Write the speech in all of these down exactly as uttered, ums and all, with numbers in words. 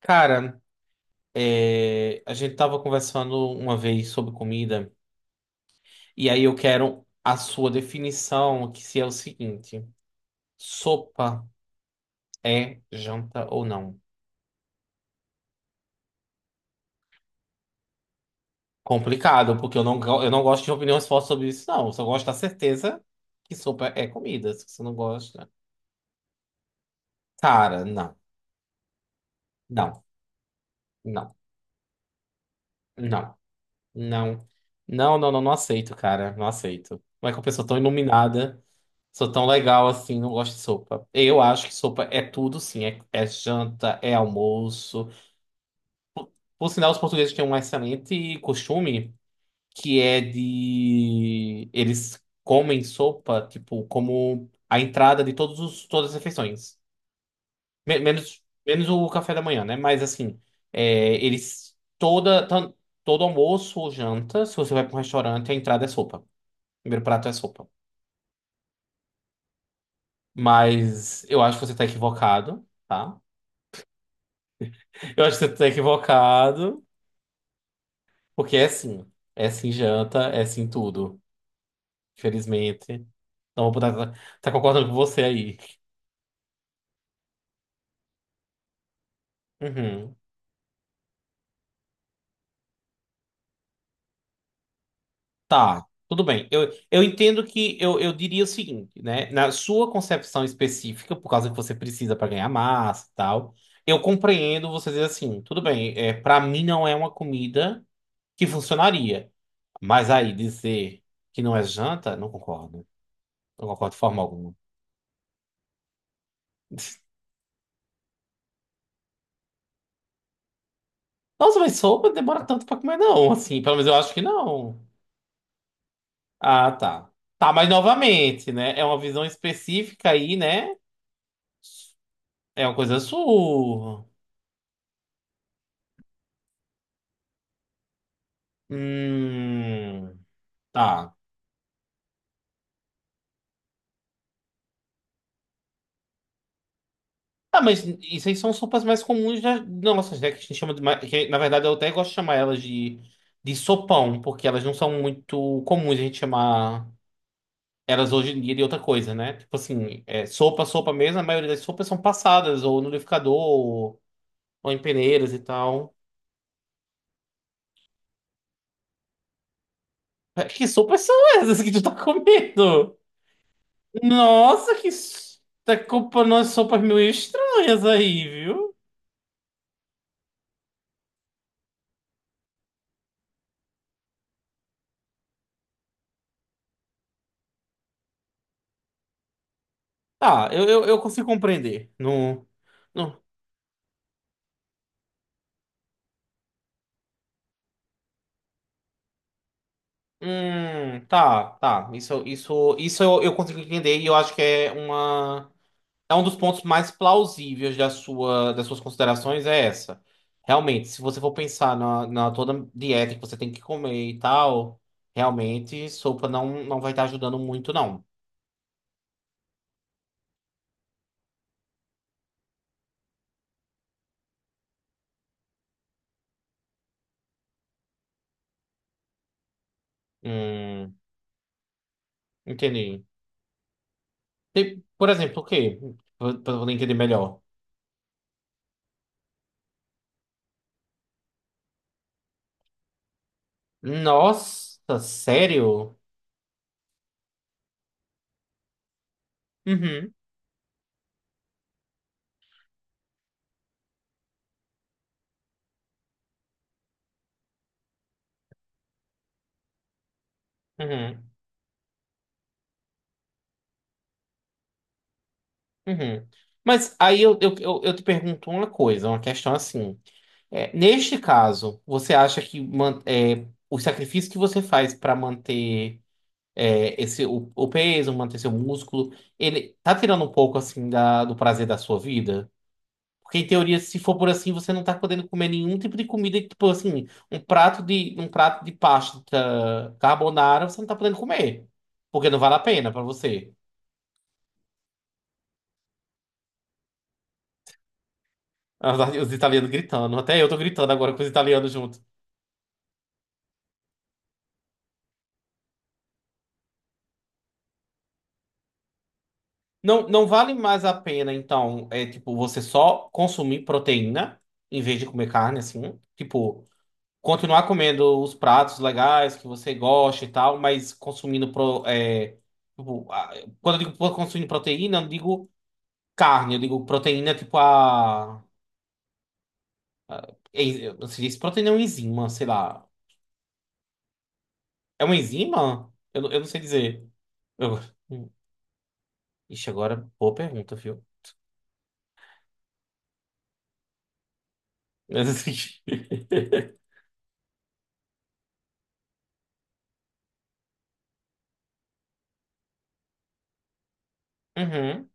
Cara, é, a gente tava conversando uma vez sobre comida, e aí eu quero a sua definição, que se é o seguinte: sopa é janta ou não? Complicado, porque eu não, go- eu não gosto de opiniões fortes sobre isso, não. Eu só gosto da certeza que sopa é comida. Se você não gosta. Cara, não, não, não, não, não, não, não, não, não aceito, cara. Não aceito. Como é que uma pessoa tão iluminada. Sou tão legal assim, não gosto de sopa. Eu acho que sopa é tudo, sim. É, é janta, é almoço. Por sinal, os portugueses têm um excelente costume que é de. Eles comem sopa, tipo, como a entrada de todos os, todas as refeições. Me- menos, menos o café da manhã, né? Mas assim, é, eles. Toda, tan- Todo almoço ou janta, se você vai para um restaurante, a entrada é sopa. O primeiro prato é sopa. Mas eu acho que você está equivocado, tá? Eu acho que você tá equivocado, porque é sim. É sim janta, é sim tudo. Infelizmente. Não vou poder tá, tá, concordando com você aí. Uhum. Tá, tudo bem. Eu, eu entendo que eu, eu diria o seguinte, né? Na sua concepção específica, por causa que você precisa para ganhar massa e tal, eu compreendo você dizer assim, tudo bem, é, para mim não é uma comida que funcionaria. Mas aí dizer que não é janta, não concordo. Não concordo de forma alguma. Nossa, mas sopa demora tanto pra comer, não, assim. Pelo menos eu acho que não. Ah, tá. Tá, mas novamente, né? É uma visão específica aí, né? É uma coisa sua. Hum. Tá. Ah, mas isso aí são sopas mais comuns da- nossas, né? Que a gente chama de. ma- Que, na verdade, eu até gosto de chamar elas de, de, sopão, porque elas não são muito comuns a gente chamar elas hoje em dia de outra coisa, né? Tipo assim, é, sopa, sopa mesmo, a maioria das sopas são passadas, ou no liquidificador, ou ou em peneiras e tal. É, Que sopas são essas que tu tá comendo? Nossa, que s- tá comprando umas sopas meio estranhas aí, viu? Tá, eu, eu, eu consigo compreender. No, no, hum, tá, tá. Isso, isso, isso eu, eu consigo entender e eu acho que é uma, é um dos pontos mais plausíveis da sua, das suas considerações é essa. Realmente, se você for pensar na, na, toda dieta que você tem que comer e tal, realmente sopa não, não vai estar ajudando muito, não. Hum. Entendi. Tem- por exemplo, o quê? Pra pra poder entender melhor. Nossa, sério? Uhum, uhum, uhum. Mas aí eu, eu, eu, eu te pergunto uma coisa, uma questão assim. É, neste caso, você acha que man- é, o sacrifício que você faz para manter é, esse, o, o peso, manter seu músculo, ele tá tirando um pouco assim da, do prazer da sua vida? Porque, em teoria, se for por assim, você não tá podendo comer nenhum tipo de comida, tipo assim, um prato de, um prato de pasta carbonara, você não tá podendo comer. Porque não vale a pena pra você. Os os italianos gritando, até eu tô gritando agora com os italianos junto. Não, não vale mais a pena, então, é tipo, você só consumir proteína em vez de comer carne, assim. Tipo, continuar comendo os pratos legais que você gosta e tal, mas consumindo pro, é, tipo, a- quando eu digo pro- consumindo proteína, eu não digo. Carne, eu digo proteína, tipo a. en- Eu não sei se proteína é um enzima, sei lá. É uma enzima? Eu, não- eu não sei dizer. Eu. Ixi, agora, boa pergunta, viu? Mas, assim, Uhum.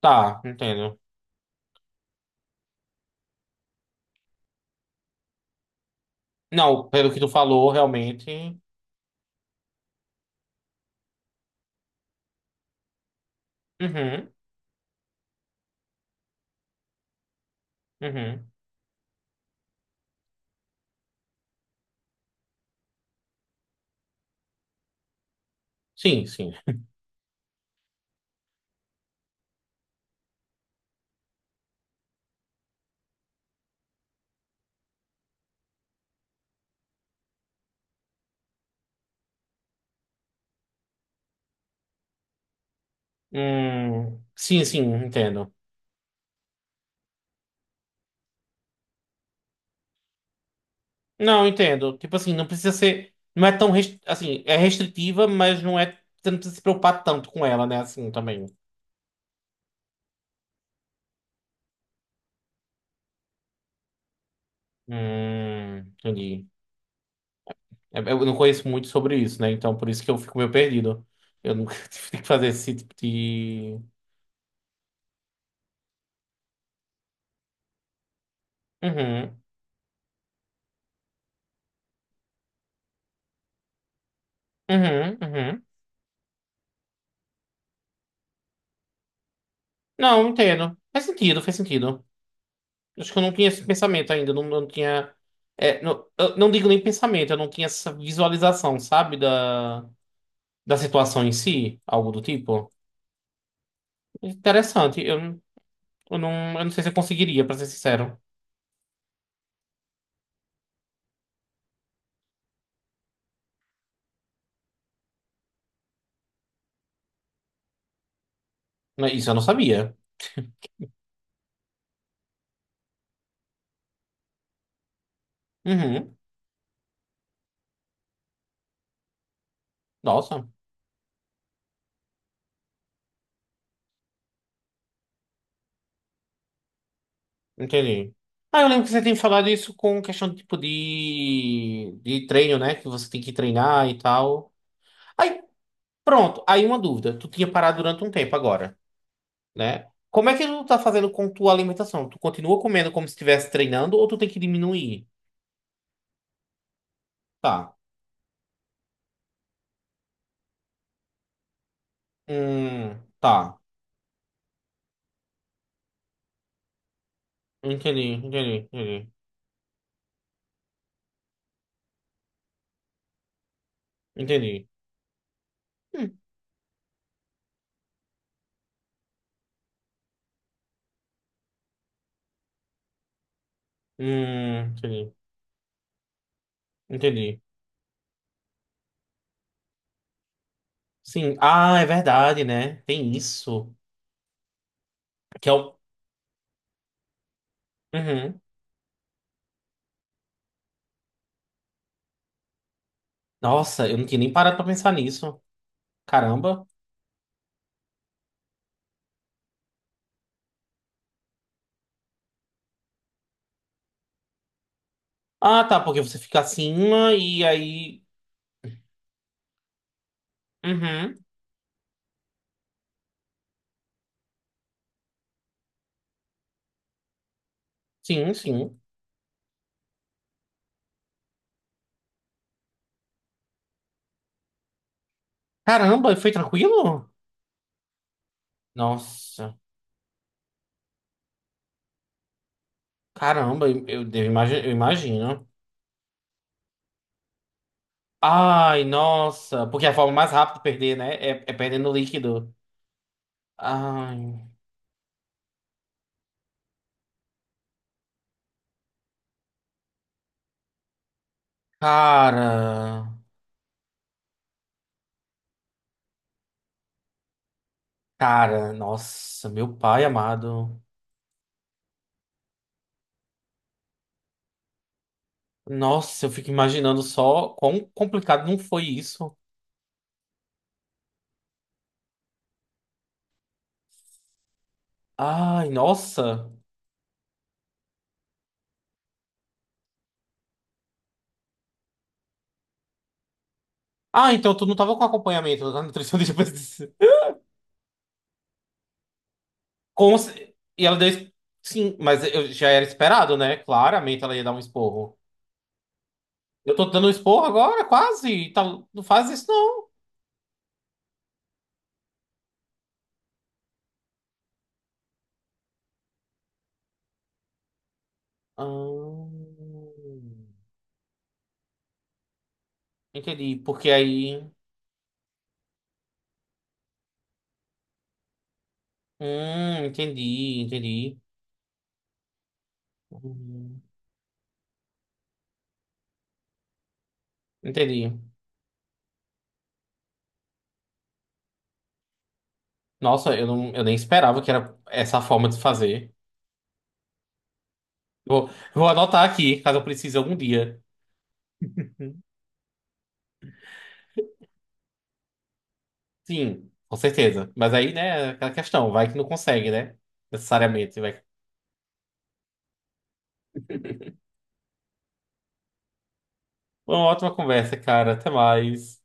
Tá, entendo. Não, pelo que tu falou, realmente. Uhum, uhum. Sim, sim. Hum, sim, sim, entendo. Não, entendo. Tipo assim, não precisa ser. Não é tão. res- Assim, é restritiva, mas não é. Você não precisa se preocupar tanto com ela, né? Assim, também. Hum, entendi. Eu eu não conheço muito sobre isso, né? Então por isso que eu fico meio perdido. Eu nunca tive que fazer esse tipo de. Uhum, uhum, uhum. Não, entendo. Faz sentido, faz sentido. Acho que eu não tinha esse pensamento ainda. Não, não tinha. é, não, eu não digo nem pensamento, eu não tinha essa visualização, sabe? Da, da situação em si, algo do tipo. Interessante. Eu, eu, não, eu não sei se eu conseguiria, pra ser sincero. Mas isso eu não sabia. Uhum. Nossa. Entendi. Ah, eu lembro que você tem falado isso com questão de tipo de, de treino, né? Que você tem que treinar e tal. Aí, pronto. Aí uma dúvida. Tu tinha parado durante um tempo agora, né? Como é que tu tá fazendo com tua alimentação? Tu continua comendo como se estivesse treinando ou tu tem que diminuir? Tá. Hum, tá. Entendi, entendi, entendi. Entendi. Hum, hum, entendi, entendi. Sim. Ah, é verdade, né? Tem isso. Que é o. Uhum. Nossa, eu não tinha nem parado pra pensar nisso. Caramba. Ah, tá, porque você fica acima e aí. Uhum. Sim, sim. Caramba, e foi tranquilo? Nossa. Caramba, eu, eu devo imagi- eu imagino. Ai, nossa. Porque é a forma mais rápida de perder, né? É, é perdendo líquido. Ai. Cara. Cara, nossa, meu pai amado. Nossa, eu fico imaginando só quão complicado não foi isso. Ai, nossa. Ah, então tu não tava com acompanhamento da nutricionista. Com E ela deu. Sim, mas eu já era esperado, né? Claramente ela ia dar um esporro. Eu tô dando um esporro agora, quase. Tá. Não faz isso, não. Ah, entendi. Porque aí. Hum, entendi, entendi. Hum, Entendi. Nossa, eu, não, eu nem esperava que era essa a forma de fazer. Vou, vou anotar aqui, caso eu precise algum dia. Uhum. Sim, com certeza. Mas aí, né, aquela questão, vai que não consegue, né? Necessariamente. Vai Foi uma ótima conversa, cara. Até mais.